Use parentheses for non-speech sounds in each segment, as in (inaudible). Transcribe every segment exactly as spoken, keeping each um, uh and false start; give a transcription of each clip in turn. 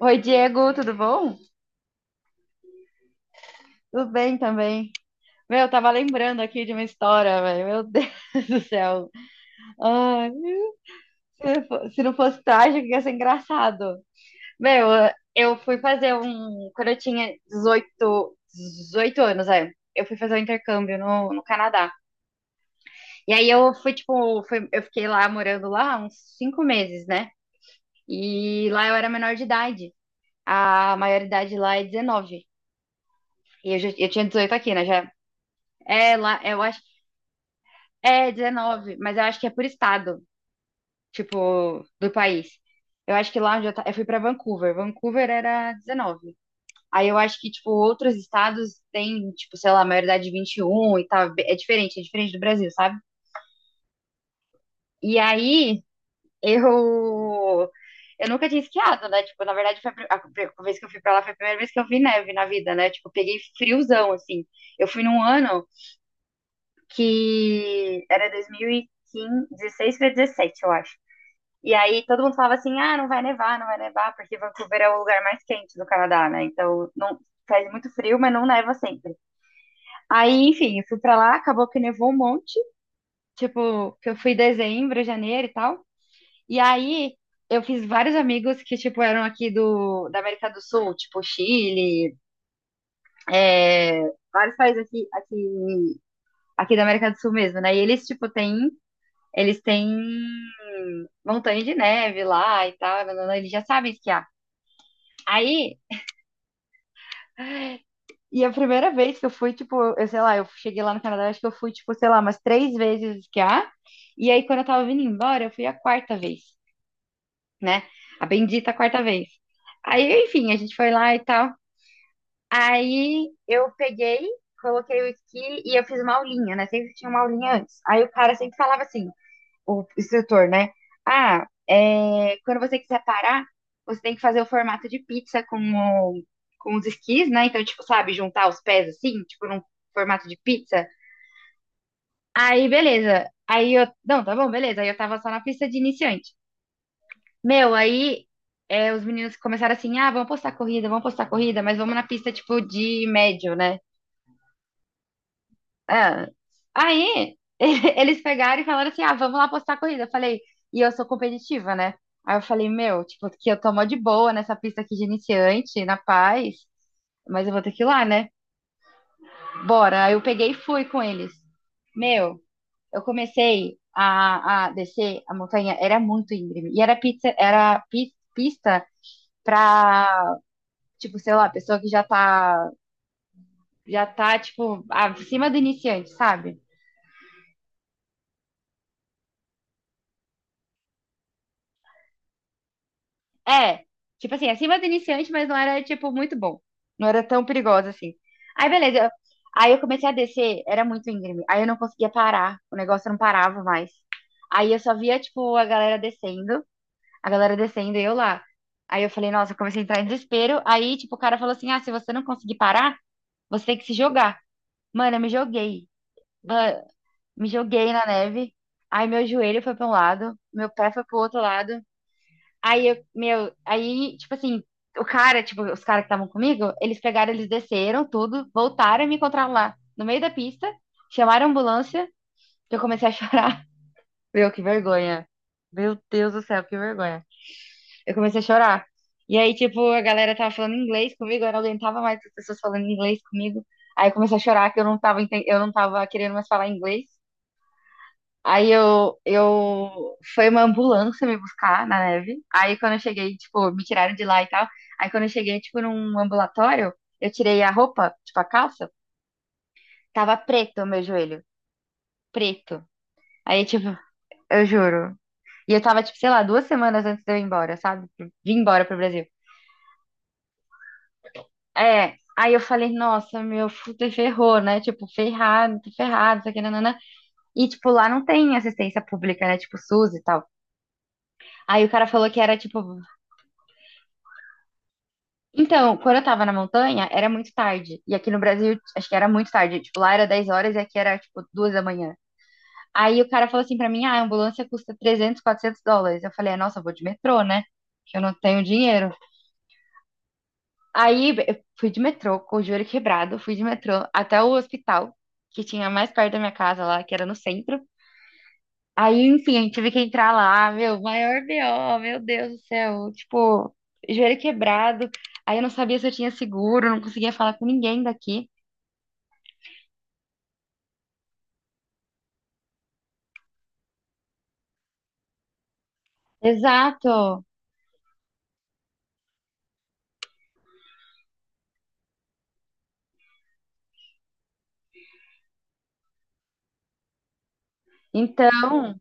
Oi, Diego, tudo bom? Tudo bem também. Meu, eu tava lembrando aqui de uma história, velho. Meu Deus (laughs) do céu. Ai, se fo- se não fosse trágico, ia ser engraçado. Meu, eu fui fazer um. Quando eu tinha dezoito, dezoito anos, é. Eu fui fazer um intercâmbio no, no Canadá. E aí eu fui, tipo, fui- eu fiquei lá morando lá uns cinco meses, né? E lá eu era menor de idade. A maioridade lá é dezenove. E eu, já, eu tinha dezoito aqui, né? Já. É, lá, eu acho. É, dezenove, mas eu acho que é por estado, tipo, do país. Eu acho que lá onde eu, ta- eu fui pra Vancouver, Vancouver era dezenove. Aí eu acho que, tipo, outros estados têm, tipo, sei lá, maioridade vinte e um e um e tal. É diferente, é diferente do Brasil, sabe? E aí eu. Eu nunca tinha esquiado, né? Tipo, na verdade, foi a, pri- a pri- a vez que eu fui pra lá foi a primeira vez que eu vi neve na vida, né? Tipo, eu peguei friozão, assim. Eu fui num ano que era dois mil e quinze, dezesseis pra dezessete, eu acho. E aí todo mundo falava assim, ah, não vai nevar, não vai nevar, porque Vancouver é o lugar mais quente do Canadá, né? Então não faz muito frio, mas não neva sempre. Aí, enfim, eu fui pra lá, acabou que nevou um monte, tipo, que eu fui em dezembro, janeiro e tal. E aí eu fiz vários amigos que, tipo, eram aqui do, da América do Sul, tipo Chile, é, vários países aqui, aqui, aqui da América do Sul mesmo, né? E eles, tipo, têm, eles têm montanha de neve lá e tal, nanana, eles já sabem esquiar. Aí, e a primeira vez que eu fui, tipo, eu sei lá, eu cheguei lá no Canadá, acho que eu fui, tipo, sei lá, umas três vezes esquiar. E aí, quando eu tava vindo embora, eu fui a quarta vez, né? A bendita quarta vez. Aí, enfim, a gente foi lá e tal. Aí eu peguei, coloquei o esqui e eu fiz uma aulinha, né? Sempre tinha uma aulinha antes. Aí o cara sempre falava assim: o instrutor, né? Ah, é, quando você quiser parar, você tem que fazer o formato de pizza com, o- com os esquis, né? Então, tipo, sabe, juntar os pés assim, tipo, num formato de pizza. Aí, beleza. Aí eu. Não, tá bom, beleza. Aí eu tava só na pista de iniciante. Meu, aí é, os meninos começaram assim: ah, vamos postar corrida, vamos postar corrida, mas vamos na pista, tipo, de médio, né? Ah, aí (laughs) eles pegaram e falaram assim: ah, vamos lá postar a corrida. Eu falei, e eu sou competitiva, né? Aí eu falei, meu, tipo, que eu tô mó de boa nessa pista aqui de iniciante, na paz, mas eu vou ter que ir lá, né? Bora. Aí eu peguei e fui com eles. Meu, eu comecei a, a descer a montanha, era muito íngreme. E era pizza, era pi- pista pra, tipo, sei lá, pessoa que já tá, já tá, tipo, acima do iniciante, sabe? É, tipo assim, acima do iniciante, mas não era, tipo, muito bom. Não era tão perigosa assim. Aí, beleza. eu- Aí eu comecei a descer, era muito íngreme. Aí eu não conseguia parar, o negócio não parava mais. Aí eu só via, tipo, a galera descendo, a galera descendo e eu lá. Aí eu falei, nossa, eu comecei a entrar em desespero. Aí, tipo, o cara falou assim: ah, se você não conseguir parar, você tem que se jogar. Mano, eu me joguei. Ma- Me joguei na neve. Aí meu joelho foi pra um lado, meu pé foi pro outro lado. Aí eu, meu, aí, tipo assim, o cara, tipo, os caras que estavam comigo, eles pegaram, eles desceram tudo, voltaram e me encontraram lá no meio da pista, chamaram a ambulância, eu comecei a chorar. (laughs) Meu, que vergonha. Meu Deus do céu, que vergonha. Eu comecei a chorar. E aí, tipo, a galera tava falando inglês comigo, eu não aguentava mais as pessoas falando inglês comigo. Aí eu comecei a chorar que eu não tava, enten- eu não tava querendo mais falar inglês. Aí eu, eu... Foi uma ambulância me buscar na neve. Aí quando eu cheguei, tipo, me tiraram de lá e tal. Aí quando eu cheguei, tipo, num ambulatório, eu tirei a roupa, tipo, a calça. Tava preto o meu joelho. Preto. Aí, tipo, eu juro. E eu tava, tipo, sei lá, duas semanas antes de eu ir embora, sabe? Vim embora pro Brasil. É. Aí eu falei, nossa, meu, fudeu, ferrou, né? Tipo, ferrado, tô ferrado, isso aqui, nanana. E, tipo, lá não tem assistência pública, né? Tipo, SUS e tal. Aí o cara falou que era, tipo, então, quando eu tava na montanha, era muito tarde. E aqui no Brasil, acho que era muito tarde. Tipo, lá era dez horas e aqui era, tipo, duas da manhã. Aí o cara falou assim pra mim, ah, a ambulância custa trezentos quatrocentos dólares. Eu falei, "É, nossa, eu vou de metrô, né? Que eu não tenho dinheiro". Aí eu fui de metrô, com o joelho quebrado, fui de metrô até o hospital, que tinha mais perto da minha casa lá, que era no centro. Aí, enfim, a gente teve que entrar lá, meu, maior B O, meu Deus do céu, tipo, joelho quebrado. Aí eu não sabia se eu tinha seguro, não conseguia falar com ninguém daqui. Exato. Então,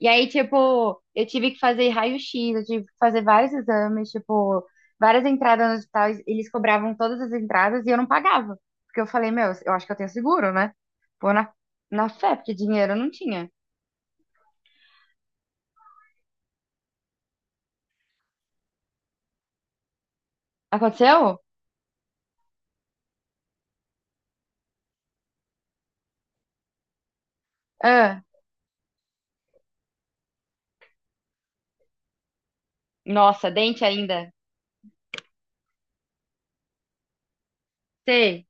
e aí, tipo, eu tive que fazer raio-x, eu tive que fazer vários exames, tipo, várias entradas no hospital, eles cobravam todas as entradas e eu não pagava. Porque eu falei, meu, eu acho que eu tenho seguro, né? Pô, na, na fé, porque dinheiro eu não tinha. Aconteceu? Ah, nossa, dente ainda. Sei.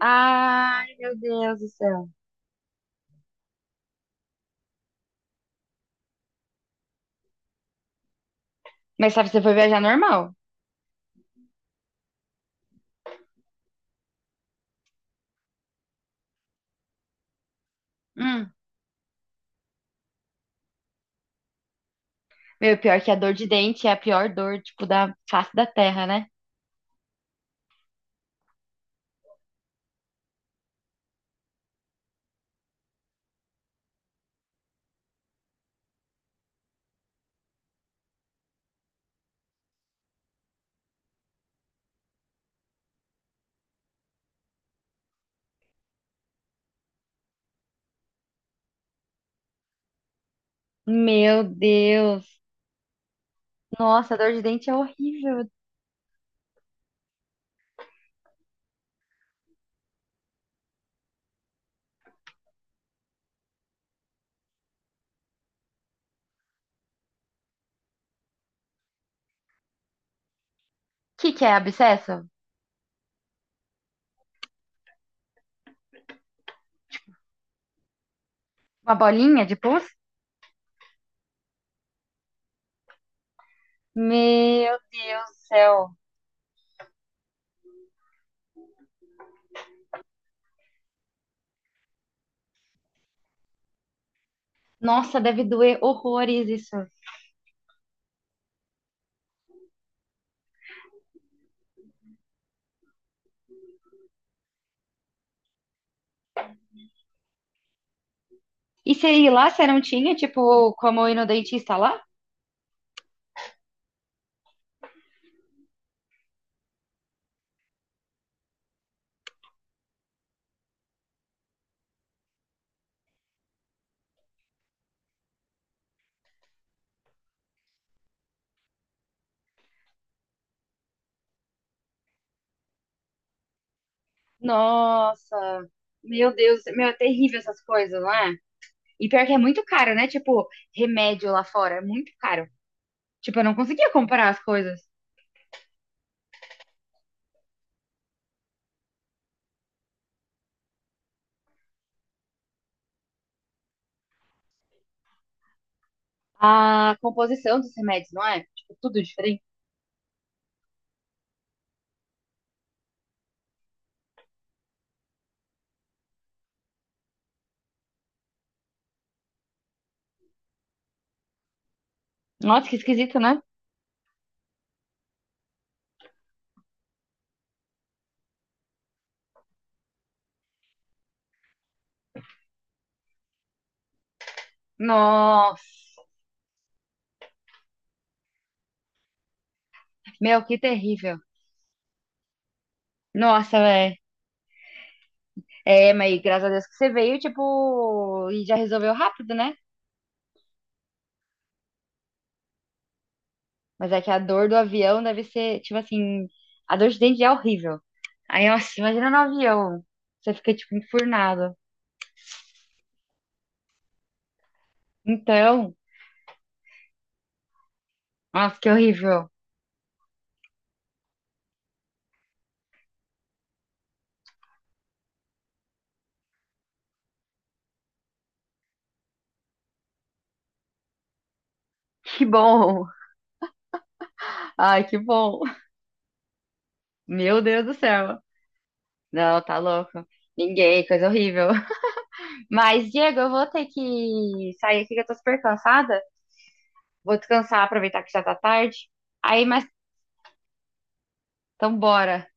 Ai, meu Deus do céu. Mas sabe, você foi viajar normal. Hum. Meu, pior que a dor de dente é a pior dor, tipo, da face da terra, né? Meu Deus. Nossa, a dor de dente é horrível. O que que é abscesso? Uma bolinha de pus? Meu Deus do céu. Nossa, deve doer horrores isso. E você ir lá, você não tinha, tipo, como ir no dentista lá? Nossa, meu Deus, meu, é terrível essas coisas, não é? E pior que é muito caro, né? Tipo, remédio lá fora é muito caro. Tipo, eu não conseguia comparar as coisas. A composição dos remédios, não é? Tipo, tudo diferente. Nossa, que esquisito, né? Nossa. Meu, que terrível. Nossa, velho. É, mas graças a Deus que você veio, tipo, e já resolveu rápido, né? Mas é que a dor do avião deve ser, tipo assim, a dor de dente é horrível. Aí, nossa, imagina no avião. Você fica, tipo, enfurnado. Então, nossa, que horrível. Que bom. Ai, que bom. Meu Deus do céu. Não, tá louco. Ninguém, coisa horrível. (laughs) Mas, Diego, eu vou ter que sair aqui que eu tô super cansada. Vou descansar, aproveitar que já tá tarde. Aí, mas então bora.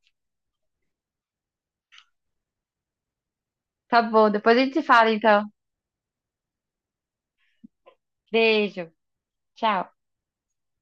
Tá bom, depois a gente se fala então. Beijo. Tchau.